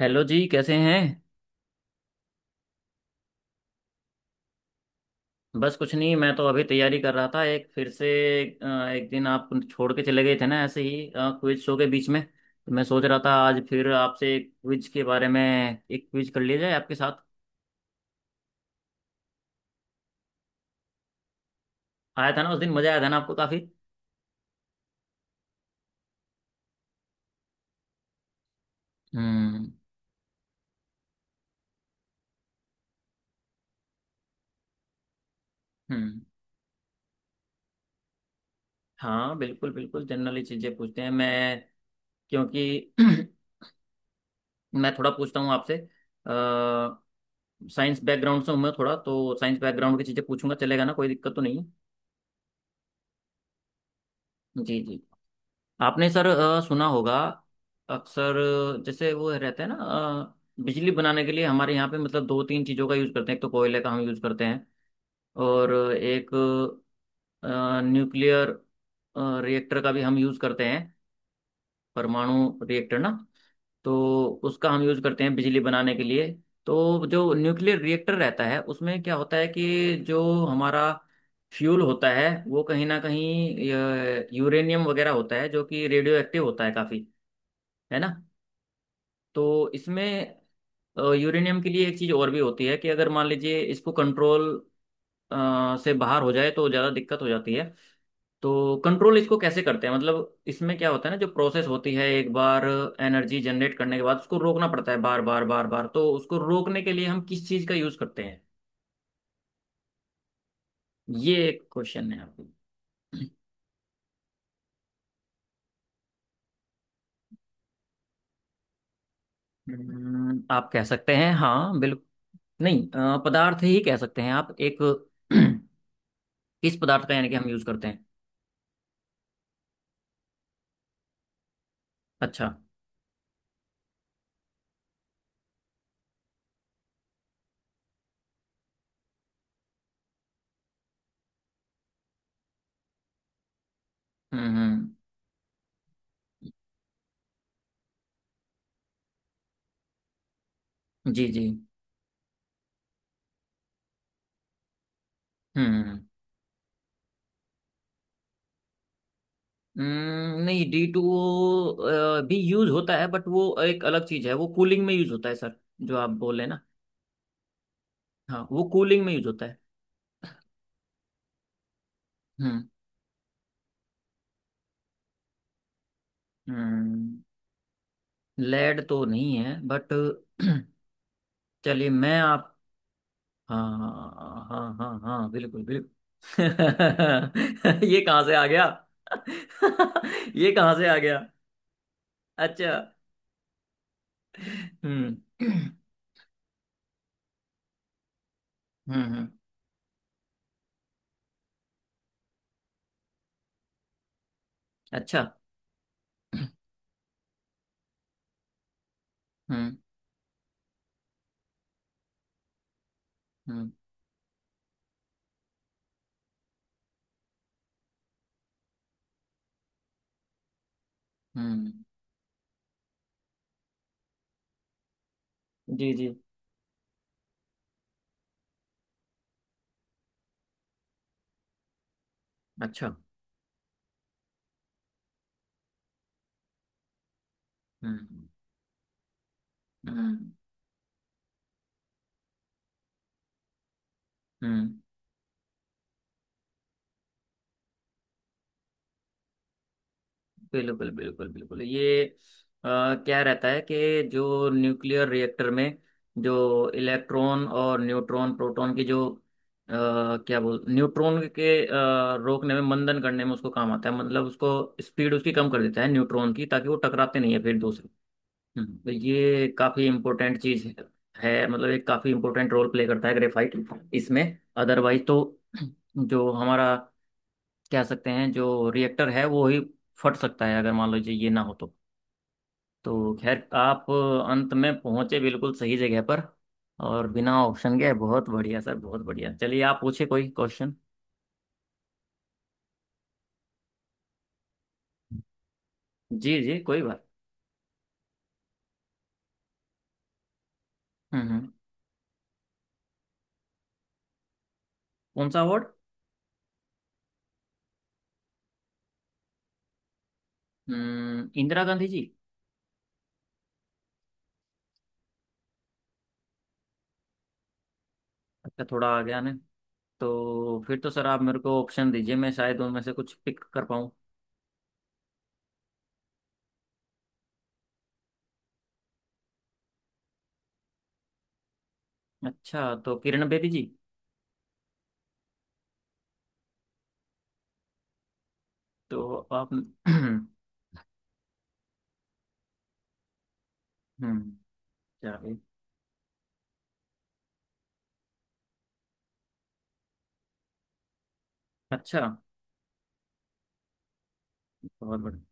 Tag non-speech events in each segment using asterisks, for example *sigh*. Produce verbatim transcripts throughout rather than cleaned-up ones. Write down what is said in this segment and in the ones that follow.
Hello जी कैसे हैं। बस कुछ नहीं, मैं तो अभी तैयारी कर रहा था एक फिर से। अ, एक दिन आप छोड़ के चले गए थे ना ऐसे ही क्विज शो के बीच में, तो मैं सोच रहा था आज फिर आपसे क्विज के बारे में एक क्विज कर लिया जाए आपके साथ। आया था ना उस दिन, मजा आया था ना आपको काफी। हम्म। हम्म। हाँ बिल्कुल बिल्कुल, जनरली चीजें पूछते हैं मैं, क्योंकि *clears throat* मैं थोड़ा पूछता हूँ आपसे। साइंस बैकग्राउंड से हूँ मैं, थोड़ा तो साइंस बैकग्राउंड की चीजें पूछूंगा, चलेगा ना? कोई दिक्कत तो नहीं है? जी जी। आपने सर अ, सुना होगा अक्सर। अ, जैसे वो रहते हैं ना, अ, बिजली बनाने के लिए हमारे यहाँ पे मतलब दो तीन चीज़ों का यूज़ करते हैं। एक तो कोयले का हम यूज़ करते हैं, और एक अ, न्यूक्लियर अ, रिएक्टर का भी हम यूज़ करते हैं। परमाणु रिएक्टर ना, तो उसका हम यूज़ करते हैं बिजली बनाने के लिए। तो जो न्यूक्लियर रिएक्टर रहता है, उसमें क्या होता है कि जो हमारा फ्यूल होता है वो कहीं ना कहीं अ, यूरेनियम वगैरह होता है, जो कि रेडियो एक्टिव होता है काफ़ी, है ना। तो इसमें यूरेनियम के लिए एक चीज और भी होती है कि अगर मान लीजिए इसको कंट्रोल से बाहर हो जाए तो ज्यादा दिक्कत हो जाती है। तो कंट्रोल इसको कैसे करते हैं, मतलब इसमें क्या होता है ना, जो प्रोसेस होती है एक बार एनर्जी जनरेट करने के बाद उसको रोकना पड़ता है बार बार बार बार, तो उसको रोकने के लिए हम किस चीज का यूज करते हैं? ये एक क्वेश्चन है आपको। हम्म, आप कह सकते हैं, हाँ बिल्कुल। नहीं, अ, पदार्थ ही कह सकते हैं आप एक *clears throat* किस पदार्थ का यानी कि हम यूज करते हैं। अच्छा। हम्म हम्म। जी जी। हम्म हम्म, नहीं, डी टू भी यूज होता है बट वो एक अलग चीज है, वो कूलिंग में यूज होता है सर, जो आप बोले ना। हाँ, वो कूलिंग में यूज होता है। हम्म। हम्म। लेड तो नहीं है बट *clears throat* चलिए मैं आप, हाँ हाँ हाँ हाँ बिल्कुल बिल्कुल। *laughs* ये कहाँ से आ गया। *laughs* ये कहाँ से आ गया। अच्छा। हम्म *clears throat* हम्म। हम्म, अच्छा। *clears throat* हम्म। हम्म। हम्म। जी जी। अच्छा। हम्म। हम्म। हम्म, बिल्कुल बिल्कुल बिल्कुल, ये अ, क्या रहता है कि जो न्यूक्लियर रिएक्टर में जो इलेक्ट्रॉन और न्यूट्रॉन प्रोटॉन की जो अ, क्या बोल, न्यूट्रॉन के अ, रोकने में, मंदन करने में उसको काम आता है, मतलब उसको स्पीड उसकी कम कर देता है, न्यूट्रॉन की, ताकि वो टकराते नहीं है फिर दूसरे। हम्म, तो ये काफी इंपॉर्टेंट चीज है, है मतलब, एक काफी इंपॉर्टेंट रोल प्ले करता है ग्रेफाइट इसमें। अदरवाइज तो जो हमारा, कह सकते हैं, जो रिएक्टर है वो ही फट सकता है अगर मान लीजिए ये ना हो तो। तो खैर आप अंत में पहुंचे बिल्कुल सही जगह पर, और बिना ऑप्शन के। बहुत बढ़िया सर, बहुत बढ़िया। चलिए आप पूछे कोई क्वेश्चन। जी जी, कोई बात। हम्म हम्म। कौन सा अवार्ड? हम्म, इंदिरा गांधी जी। अच्छा थोड़ा आ गया ना, तो फिर तो सर आप मेरे को ऑप्शन दीजिए, मैं शायद उनमें से कुछ पिक कर पाऊँ। अच्छा, तो किरण बेदी जी। तो आप *clears throat* हम्म, क्या है? अच्छा, बहुत बढ़िया।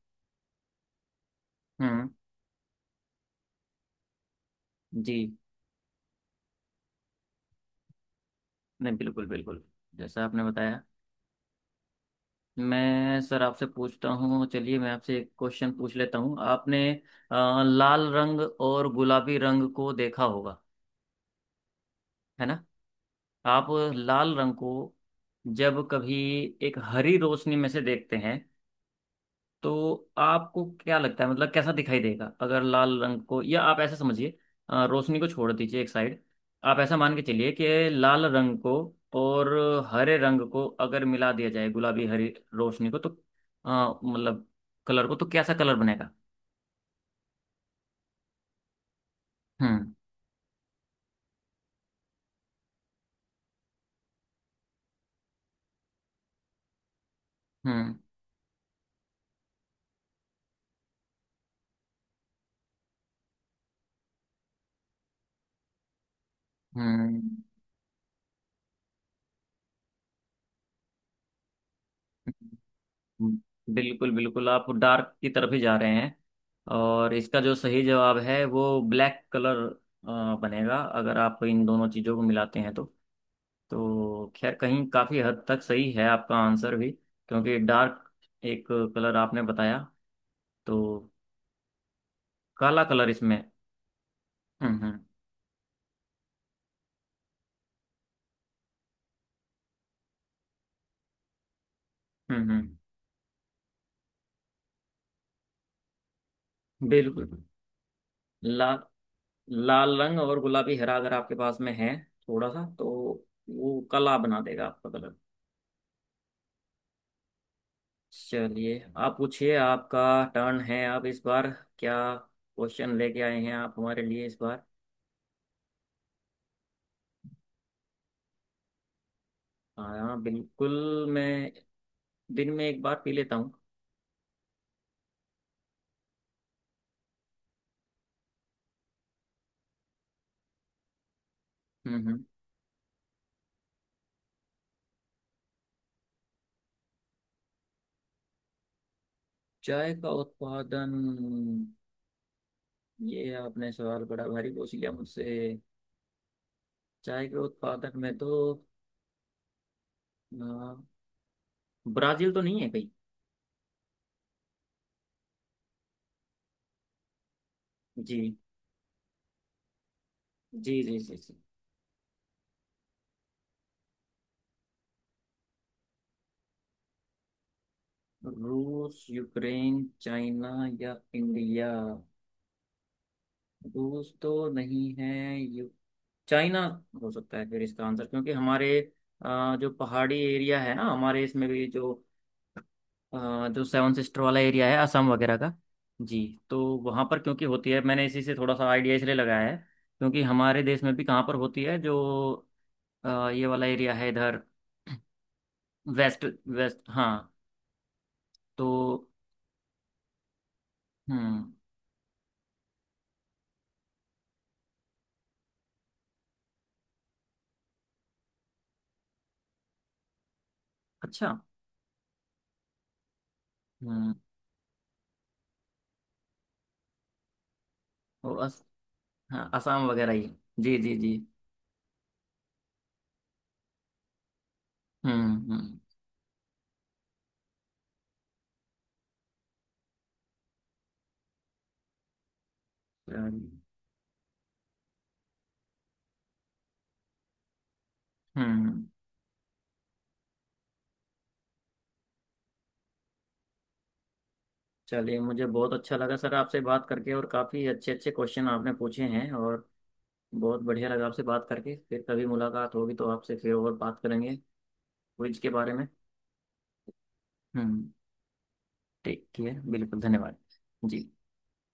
हम्म। जी। नहीं, बिल्कुल बिल्कुल, जैसा आपने बताया। मैं सर आपसे पूछता हूँ, चलिए मैं आपसे एक क्वेश्चन पूछ लेता हूँ। आपने अ, लाल रंग और गुलाबी रंग को देखा होगा, है ना? आप लाल रंग को जब कभी एक हरी रोशनी में से देखते हैं, तो आपको क्या लगता है, मतलब कैसा दिखाई देगा अगर लाल रंग को, या आप ऐसा समझिए, अ, रोशनी को छोड़ दीजिए एक साइड। आप ऐसा मान के चलिए कि लाल रंग को और हरे रंग को अगर मिला दिया जाए, गुलाबी हरी रोशनी को, तो अ, मतलब कलर को, तो कैसा कलर बनेगा? हम्म हम्म। हम्म। हम्म, बिल्कुल बिल्कुल, आप डार्क की तरफ ही जा रहे हैं, और इसका जो सही जवाब है वो ब्लैक कलर बनेगा अगर आप इन दोनों चीज़ों को मिलाते हैं तो। तो खैर कहीं काफ़ी हद तक सही है आपका आंसर भी, क्योंकि डार्क एक कलर आपने बताया, तो काला कलर इसमें। हम्म हम्म। हम्म। हम्म, बिल्कुल। लाल, लाल रंग और गुलाबी हरा अगर आपके पास में है थोड़ा सा, तो वो काला बना देगा आपका कलर। चलिए, आप पूछिए, आपका टर्न है। आप इस बार क्या क्वेश्चन लेके आए हैं आप हमारे लिए इस बार? हाँ बिल्कुल, मैं दिन में एक बार पी लेता हूँ। हम्म हम्म। चाय का उत्पादन, ये आपने सवाल बड़ा भारी पूछ लिया मुझसे। चाय के उत्पादन में तो अ, ब्राजील तो नहीं है कहीं। जी जी जी जी जी। रूस यूक्रेन चाइना या इंडिया। रूस तो नहीं है, यू, चाइना हो सकता है फिर इसका आंसर, क्योंकि हमारे अ, जो पहाड़ी एरिया है ना हमारे इसमें भी जो अ, जो सेवन सिस्टर वाला एरिया है, असम वगैरह का। जी, तो वहाँ पर क्योंकि होती है, मैंने इसी से थोड़ा सा आइडिया इसलिए लगाया है। क्योंकि हमारे देश में भी कहाँ पर होती है जो अ, ये वाला एरिया है इधर, वेस्ट, वेस्ट, हाँ। तो हम्म, अच्छा। हम्म। और अस, हाँ असम वगैरह ही। जी जी जी। हम्म हम्म। चलिए, हम्म। चलिए, मुझे बहुत अच्छा लगा सर आपसे बात करके, और काफ़ी अच्छे अच्छे क्वेश्चन आपने पूछे हैं, और बहुत बढ़िया लगा आपसे बात करके। फिर कभी मुलाकात होगी तो आपसे फिर और बात करेंगे क्विज के बारे में। हम्म, ठीक है बिल्कुल, धन्यवाद जी।